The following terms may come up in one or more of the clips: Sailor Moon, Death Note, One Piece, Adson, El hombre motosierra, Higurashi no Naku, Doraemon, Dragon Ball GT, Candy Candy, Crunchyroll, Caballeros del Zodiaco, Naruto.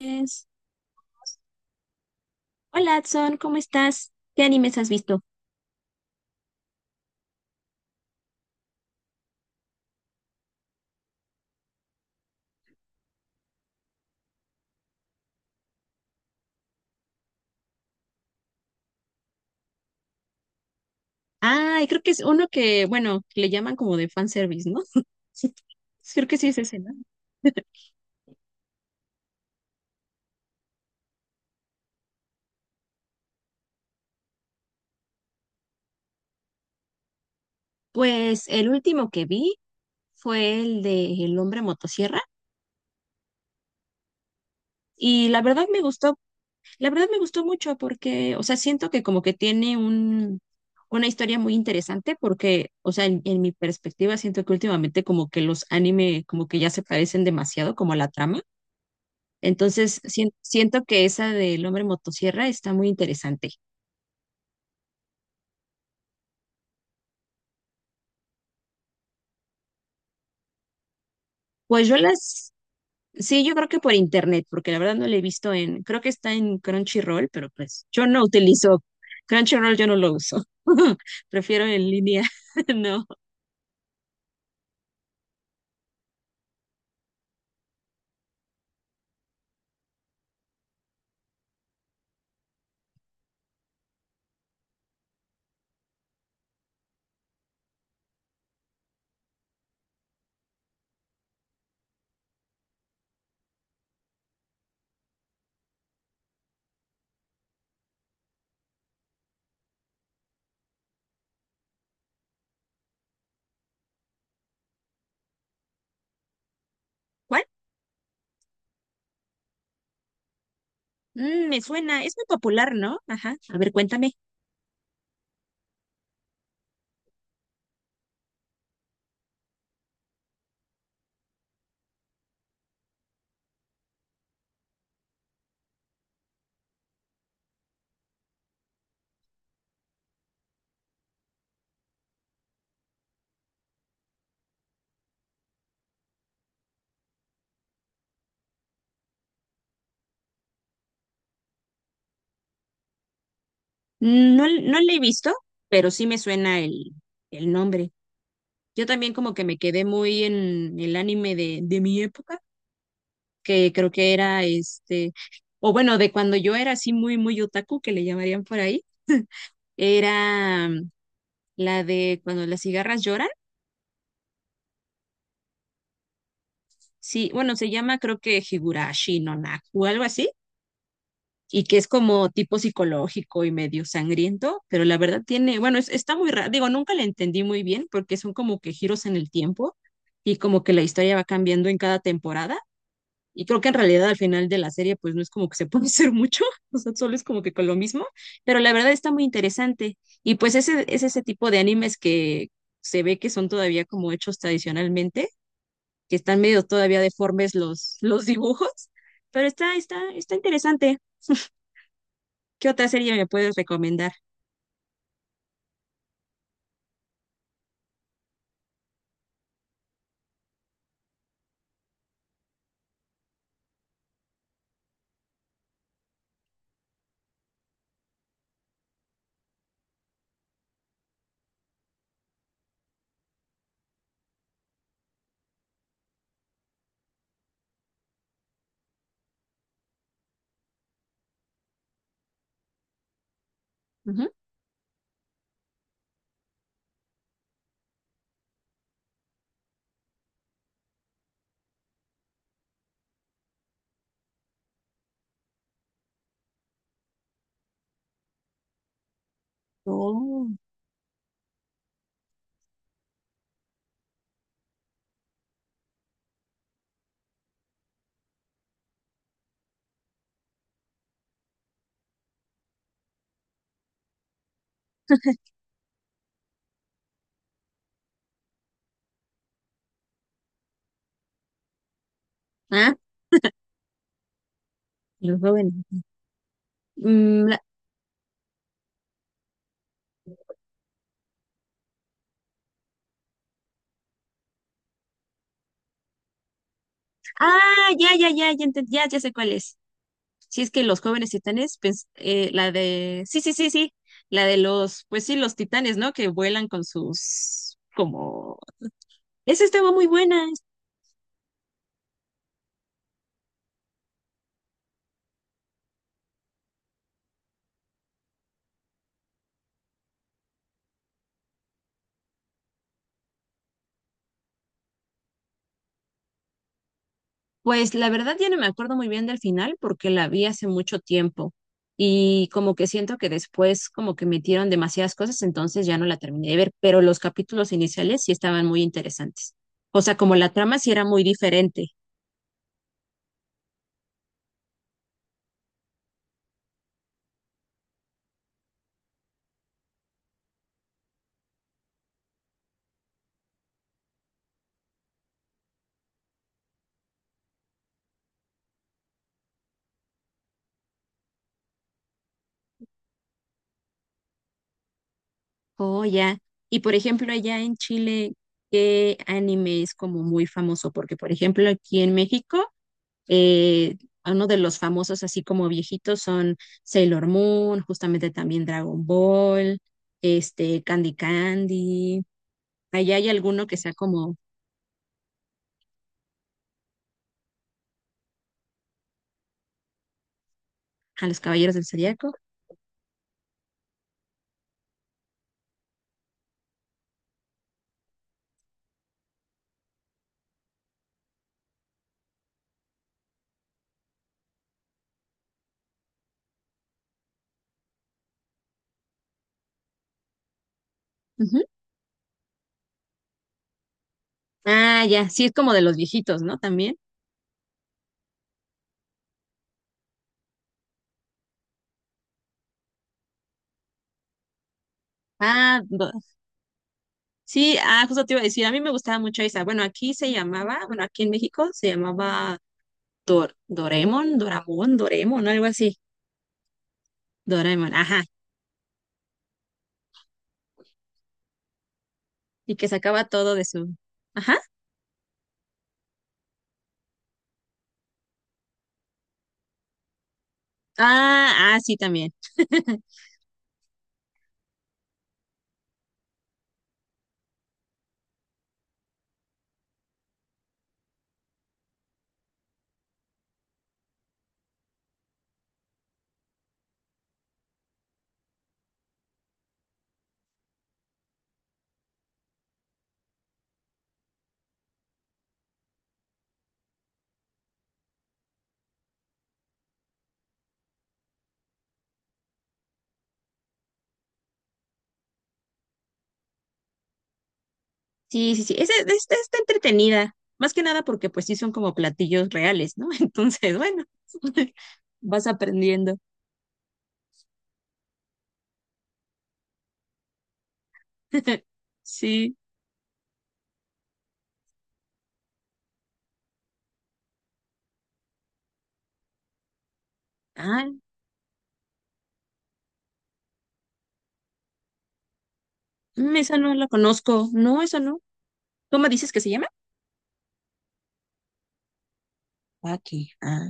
Es- Hola, Adson, ¿cómo estás? ¿Qué animes has visto? Ay, creo que es uno que, bueno, que le llaman como de fanservice, ¿no? Sí. Creo que sí es ese, ¿no? Pues el último que vi fue el de El hombre motosierra y la verdad me gustó, la verdad me gustó mucho porque, o sea, siento que como que tiene un, una historia muy interesante porque, o sea, en mi perspectiva siento que últimamente como que los anime como que ya se parecen demasiado como a la trama. Entonces, siento que esa del hombre motosierra está muy interesante. Pues yo las, sí, yo creo que por internet, porque la verdad no la he visto en, creo que está en Crunchyroll, pero pues yo no utilizo Crunchyroll, yo no lo uso. Prefiero en línea, no. ¿Cuál? Mm, me suena, es muy popular, ¿no? Ajá, a ver, cuéntame. Mm, no, no la he visto, pero sí me suena el nombre. Yo también como que me quedé muy en el anime de mi época que creo que era este, o bueno, de cuando yo era así muy, muy otaku, que le llamarían por ahí, era la de cuando las cigarras lloran. Sí, bueno, se llama creo que Higurashi no Naku o algo así, y que es como tipo psicológico y medio sangriento, pero la verdad tiene, bueno, está muy raro, digo, nunca la entendí muy bien porque son como que giros en el tiempo y como que la historia va cambiando en cada temporada. Y creo que en realidad al final de la serie, pues no es como que se puede hacer mucho, o sea, solo es como que con lo mismo, pero la verdad está muy interesante. Y pues ese, es ese tipo de animes que se ve que son todavía como hechos tradicionalmente, que están medio todavía deformes los dibujos, pero está interesante. ¿Qué otra serie me puedes recomendar? Ujú. Oh, ah, los jóvenes. Mm, la- Ah, ya, enten- ya sé cuál es. Si es que los jóvenes titanes, pues, la de, sí, sí, sí, sí, la de los, pues sí, los titanes, ¿no? Que vuelan con sus, como, esa estaba muy buena. Pues la verdad ya no me acuerdo muy bien del final porque la vi hace mucho tiempo y como que siento que después como que metieron demasiadas cosas, entonces ya no la terminé de ver, pero los capítulos iniciales sí estaban muy interesantes. O sea, como la trama sí era muy diferente. Oh, ya. Y por ejemplo, allá en Chile, ¿qué anime es como muy famoso? Porque, por ejemplo, aquí en México, eh, uno de los famosos, así como viejitos, son Sailor Moon, justamente también Dragon Ball, este, Candy Candy. ¿Allá hay alguno que sea como a los Caballeros del Zodiaco? Ujú. Ah, ya, sí, es como de los viejitos, ¿no? También. Ah, do- sí, ah, justo te iba a decir, a mí me gustaba mucho esa. Bueno, aquí se llamaba, bueno, aquí en México se llamaba Dor, Doremon, Doramon, Doremon, algo así. Doraemon, ajá. Y que sacaba todo de su. Ajá. Ah, ah, sí, también. Sí, sí, sí. Ese, está entretenida. Más que nada porque pues sí son como platillos reales, ¿no? Entonces, bueno, vas aprendiendo. Sí. Ah, mm, esa no la conozco. No, esa no. ¿Cómo dices que se llama? Aquí. Ah,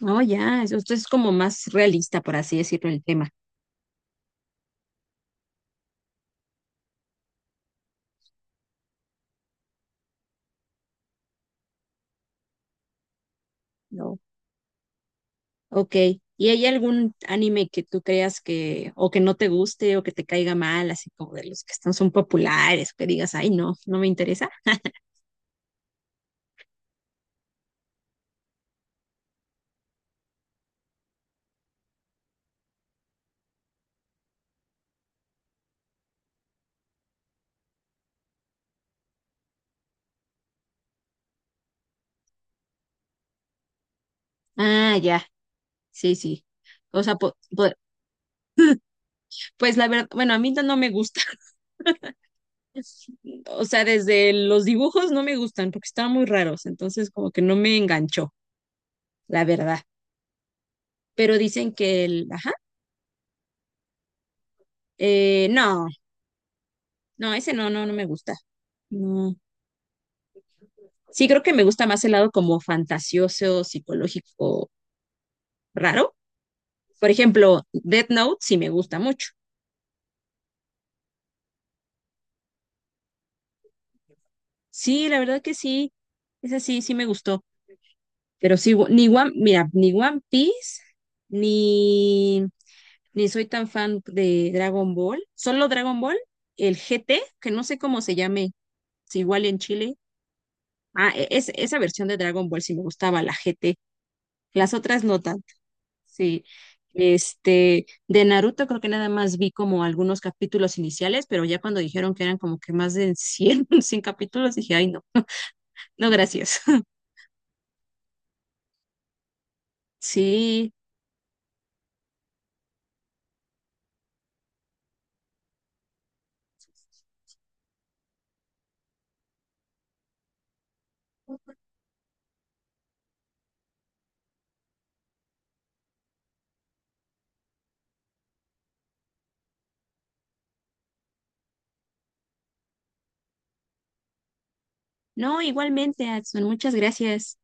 no, ya. Esto es como más realista, por así decirlo, el tema. No, ok. ¿Y hay algún anime que tú creas que, o que no te guste, o que te caiga mal, así como de los que están, son populares, que digas, ay, no, no me interesa? Ah, ya, sí, sí. O sea, pues la verdad, bueno, a mí no me gusta. O sea, desde los dibujos no me gustan porque estaban muy raros, entonces como que no me enganchó, la verdad. Pero dicen que el, ajá, no, no, ese no, no, no me gusta. No. Sí, creo que me gusta más el lado como fantasioso, psicológico raro. Por ejemplo, Death Note sí me gusta mucho. Sí, la verdad que sí, es así, sí me gustó. Pero sí, wo- ni One, mira, ni One Piece, ni, ni soy tan fan de Dragon Ball. Solo Dragon Ball, el GT, que no sé cómo se llame, si igual en Chile. Ah, es, esa versión de Dragon Ball sí me gustaba, la GT. Las otras no notas. Sí, este, de Naruto creo que nada más vi como algunos capítulos iniciales, pero ya cuando dijeron que eran como que más de 100 100 capítulos, dije, ay, no, no, gracias. Sí, no, igualmente, Adson, muchas gracias.